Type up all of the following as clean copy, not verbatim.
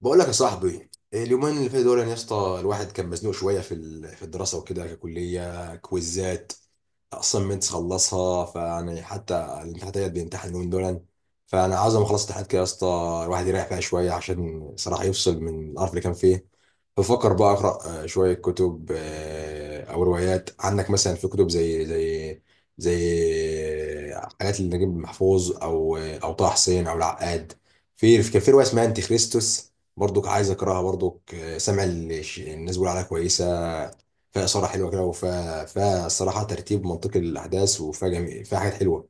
بقول لك يا صاحبي، اليومين اللي فاتوا دول يعني يا اسطى الواحد كان مزنوق شويه في الدراسه وكده ككليه، كويزات اساينمنتس خلصها، فيعني حتى الامتحانات ديت بيمتحن اليومين دول. فانا عاوز لما اخلص الامتحانات كده يا اسطى الواحد يريح فيها شويه، عشان صراحه يفصل من القرف اللي كان فيه. بفكر بقى اقرا شويه كتب، او روايات. عندك مثلا في كتب زي حاجات لنجيب محفوظ او طه حسين او العقاد. كان في روايه اسمها انتي خريستوس، برضك عايز اكرهها. برضك سامع الناس بيقولوا عليها كويسه، فيها اثاره حلوه كده، وفيها الصراحه ترتيب منطقي للاحداث، وفيها جميل فيها حاجات حلوه.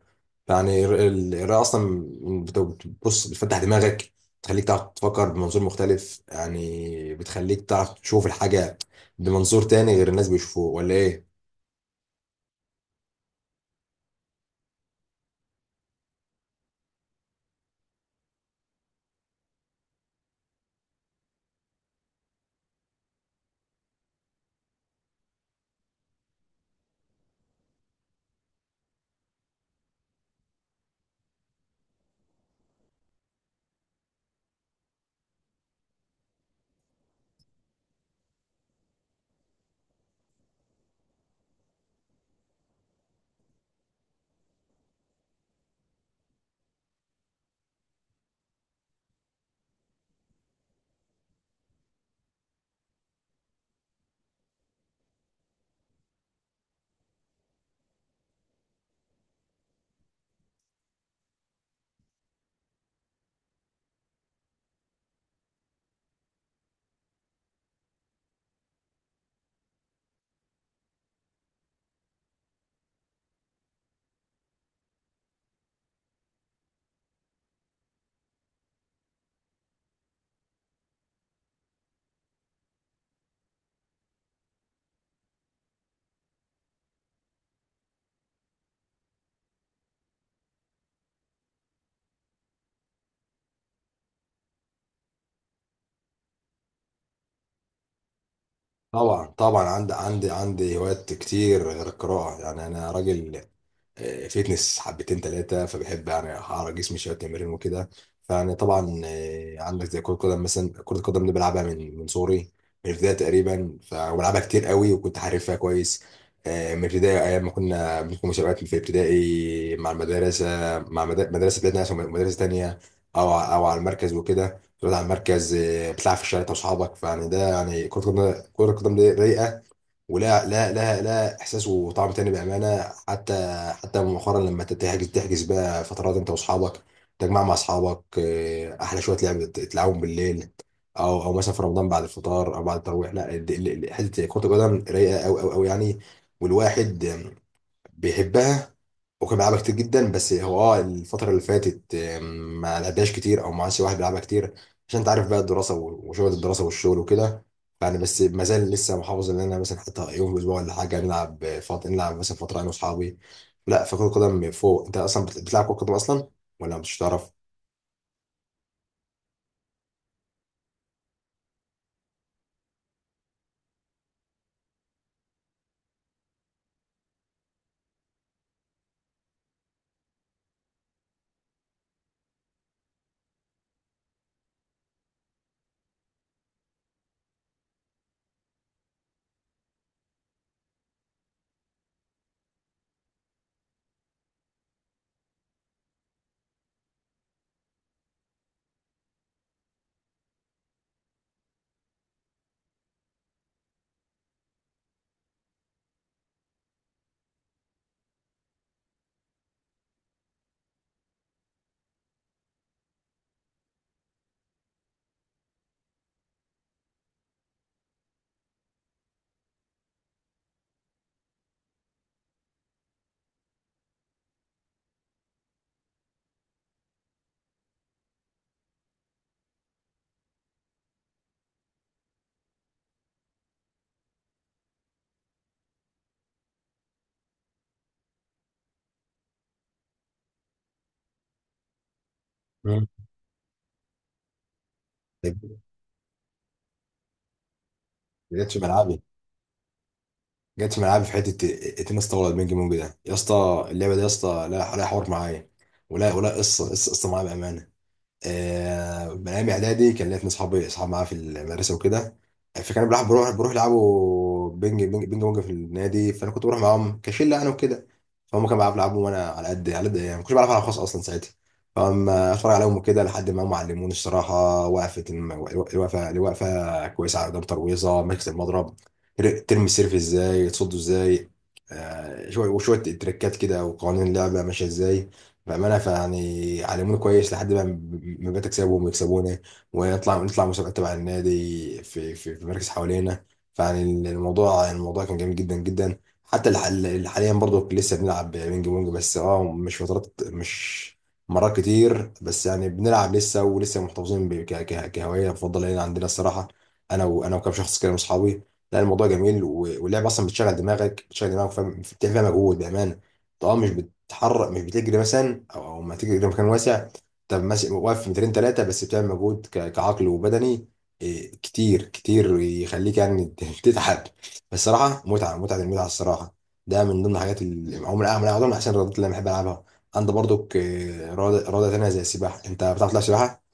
يعني القراءه اصلا بتبص، بتفتح دماغك، بتخليك تعرف تفكر بمنظور مختلف. يعني بتخليك تعرف تشوف الحاجه بمنظور تاني غير الناس بيشوفوه، ولا ايه؟ طبعا طبعا، عندي هوايات كتير غير القراءه. يعني انا راجل، فيتنس حبتين تلاتة، فبحب يعني أعرض جسمي شوية تمرين وكده. فيعني طبعا، عندك زي كرة قدم مثلا. كرة القدم دي بلعبها من صغري، من البداية تقريبا، فبلعبها كتير قوي وكنت حارفها كويس. من البداية، أيام ما كنا بنكون مسابقات في ابتدائي مع المدرسة، مع مدرسة بلادنا عشان مدرسة تانية، أو على المركز وكده. تقعد على المركز، بتلعب في الشارع أنت وأصحابك، فيعني ده يعني كرة القدم. كرة القدم دي رايقة، ولا؟ لا لا لا، احساس وطعم تاني بامانه. حتى مؤخرا لما انت تحجز بقى فترات انت واصحابك، تجمع مع اصحابك، احلى شويه لعب تلعبهم بالليل، او مثلا في رمضان بعد الفطار او بعد التراويح. لا، حته كره القدم رايقه قوي قوي قوي يعني، والواحد بيحبها. وكان بيلعبها كتير جدا، بس هو الفترة اللي فاتت ما لعبهاش كتير، او ما عادش واحد بيلعبها كتير، عشان انت عارف بقى، الدراسة وشغل الدراسة والشغل وكده. يعني بس ما زال لسه محافظ ان انا مثلا حتى يوم في الاسبوع ولا حاجة نلعب فترة، نلعب مثلا فترة انا واصحابي. لا، فكرة القدم فوق. انت اصلا بتلعب كرة قدم اصلا، ولا مش تعرف؟ مم. ده جت في ملعبي، جت في ملعبي في حته التنس طاوله. البينج بونج ده يا اسطى، اللعبه دي يا اسطى، لا لا، حوار معايا، ولا قصه قصه قصه معايا بامانه. من ايام اعدادي كان ليا اتنين اصحابي، اصحاب معايا في المدرسه وكده، فكان بروح يلعبوا بينج بونج في النادي، فانا كنت بروح معاهم كشله انا وكده. فهم كانوا يلعبوا وانا على قد على قد، يعني ما كنتش بعرف العب خالص اصلا ساعتها، فاما اتفرج عليهم وكده لحد ما هم علموني الصراحه وقفه، الوقفه كويسه على قدام، ترويزه ماسك المضرب، ترمي السيرف ازاي، تصده ازاي، شويه وشويه تريكات كده، وقوانين اللعبه ماشيه ازاي. بأمانة فيعني علمونا كويس لحد ما بقيت أكسبهم ويكسبونا، نطلع مسابقات تبع النادي في مراكز حوالينا. فيعني الموضوع كان جميل جدا جدا. حتى اللي حاليا برضو لسه بنلعب بينج بونج، بس مش مرات كتير، بس يعني بنلعب لسه، ولسه محتفظين كهواية مفضلة لنا عندنا الصراحة، أنا وكام شخص كده من أصحابي. لا الموضوع جميل، واللعب أصلا بتشغل دماغك، فاهم، بتعمل فيها مجهود بأمانة. اه مش بتحرك، مش بتجري مثلا، او ما تجري في مكان واسع، طب مثلا واقف في مترين ثلاثه بس. بتعمل مجهود كعقل وبدني، إيه، كتير كتير يخليك يعني تتعب. بس صراحه متعه متعه، المتعه الصراحه، ده من ضمن الحاجات اللي عمري من احسن الرياضات اللي انا بحب العبها. عندي برضك إيه، رياضه تانيه زي السباحه. انت بتعرف تلعب سباحه؟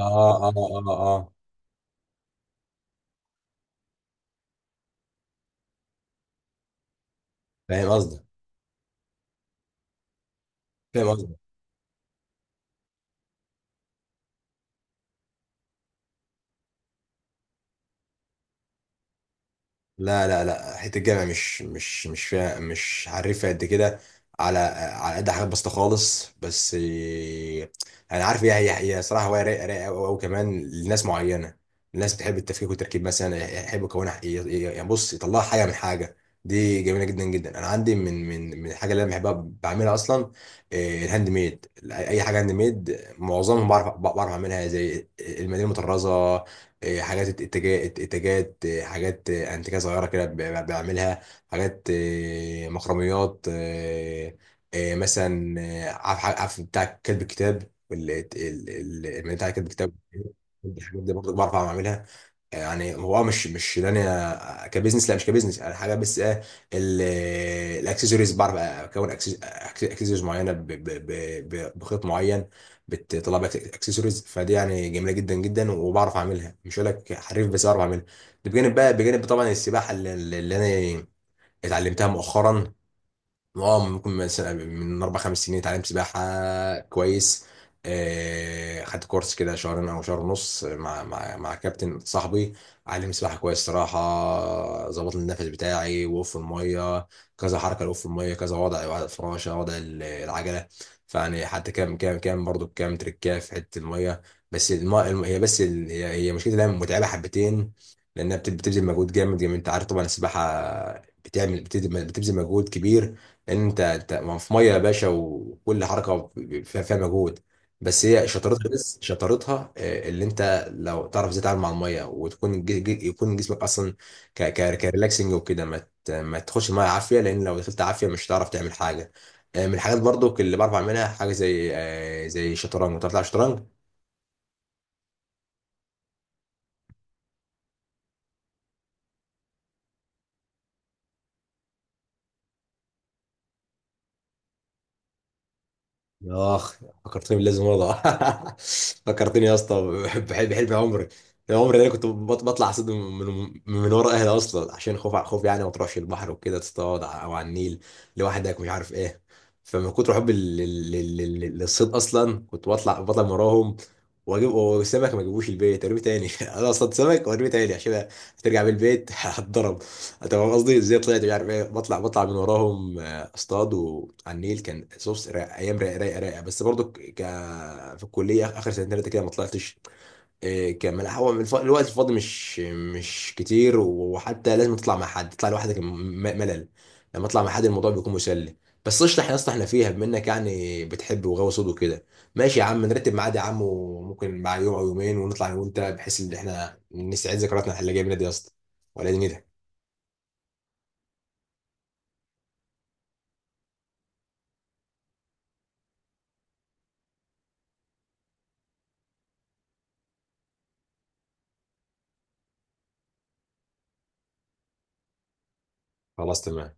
اه اه اه اه، فاهم قصدك، فاهم قصدك. لا لا لا، حته الجامع مش فيها، مش عارفها قد كده، على قد حاجات بسيطه خالص، بس إيه، انا عارف، هي صراحه هوايه رايقه، رايقه قوي قوي، كمان لناس معينه. الناس بتحب التفكيك والتركيب، مثلا يحب يكونها يعني بص، يطلعها حاجه من حاجه، دي جميله جدا جدا. انا عندي من الحاجه اللي انا بحبها بعملها اصلا، إيه، الهاند ميد. اي حاجه هاند ميد معظمهم بعرف، اعملها زي المدينه المطرزه، إيه، حاجات، اتجاهات، إيه، حاجات انتيكه صغيره كده بعملها. حاجات مخرميات، مثلا، عارف، بتاع كلب الكتاب، بتاع كلب الكتاب. الحاجات دي برضه بعرف اعملها. يعني هو مش ان انا كبزنس، لا مش كبزنس انا حاجه، بس ايه، ال- الاكسسوارز بعرف، اكسسوارز معينه بخيط معين، بتطلع بقى اكسسوارز، فدي يعني جميله جدا جدا، وبعرف اعملها. مش هقول لك حريف، بس بعرف اعملها. ده بجانب بقى، بجانب طبعا السباحه اللي انا اتعلمتها مؤخرا. اه ممكن مثلا من اربع خمس سنين اتعلمت سباحه كويس. خدت كورس كده شهرين او شهر ونص مع كابتن صاحبي، علم سباحه كويس صراحه. ظبط لي النفس بتاعي، وقف الميه كذا حركه لوقف الميه، كذا وضع الفراشه، وضع العجله، فيعني حتى كام برضو كام تريكاه في حته الميه. بس الماء الم... هي بس ال... هي مشكلتها متعبه حبتين، لانها بتبذل مجهود جامد. يعني انت عارف طبعا السباحه بتعمل، بتبذل مجهود كبير، لان انت أنت في ميه يا باشا، وكل حركه فيها مجهود. بس شطارتها اللي انت لو تعرف ازاي تتعامل مع الميه، وتكون يكون جسمك اصلا ك ك كريلاكسنج وكده، ما ما تخش الميه عافيه، لان لو دخلت عافيه مش هتعرف تعمل حاجه. من الحاجات برضو اللي بعرف اعملها حاجه زي، شطرنج. بتعرف تلعب شطرنج؟ اخ، فكرتني باللازم ارضى فكرتني يا اسطى، بحلم عمري. يا عمري، ده انا كنت بطلع اصطاد من، من ورا اهلي اصلا، عشان خوف خوف، يعني ما تروحش البحر وكده تصطاد او على النيل لوحدك مش عارف ايه. فمن كتر حبي للصيد اصلا، كنت بطلع من وراهم واجيب وسمك، ما اجيبوش البيت ارميه تاني انا اصطاد سمك وارميه تاني، عشان هترجع بالبيت هتضرب. طب قصدي ازاي طلعت مش عارف ايه، بطلع من وراهم اصطادوا على النيل، كان صوص رائع، ايام رايقه رايقه رايقه. بس برضو في الكليه اخر سنتين ثلاثه كده ما طلعتش، إيه، كان هو من الوقت الفاضي مش كتير، وحتى لازم تطلع مع حد، تطلع لوحدك ملل، لما اطلع مع حد الموضوع بيكون مسلي. بس قشطه، احنا اصلا احنا فيها، بما انك يعني بتحب وغاوي صوت وكده، ماشي يا عم نرتب ميعاد يا عم. وممكن مع يوم او يومين ونطلع انا وانت، بحيث ان احنا نستعيد ذكرياتنا احنا اللي جايه منها دي يا اسطى، ولا دي نيتك؟ خلاص، تمام.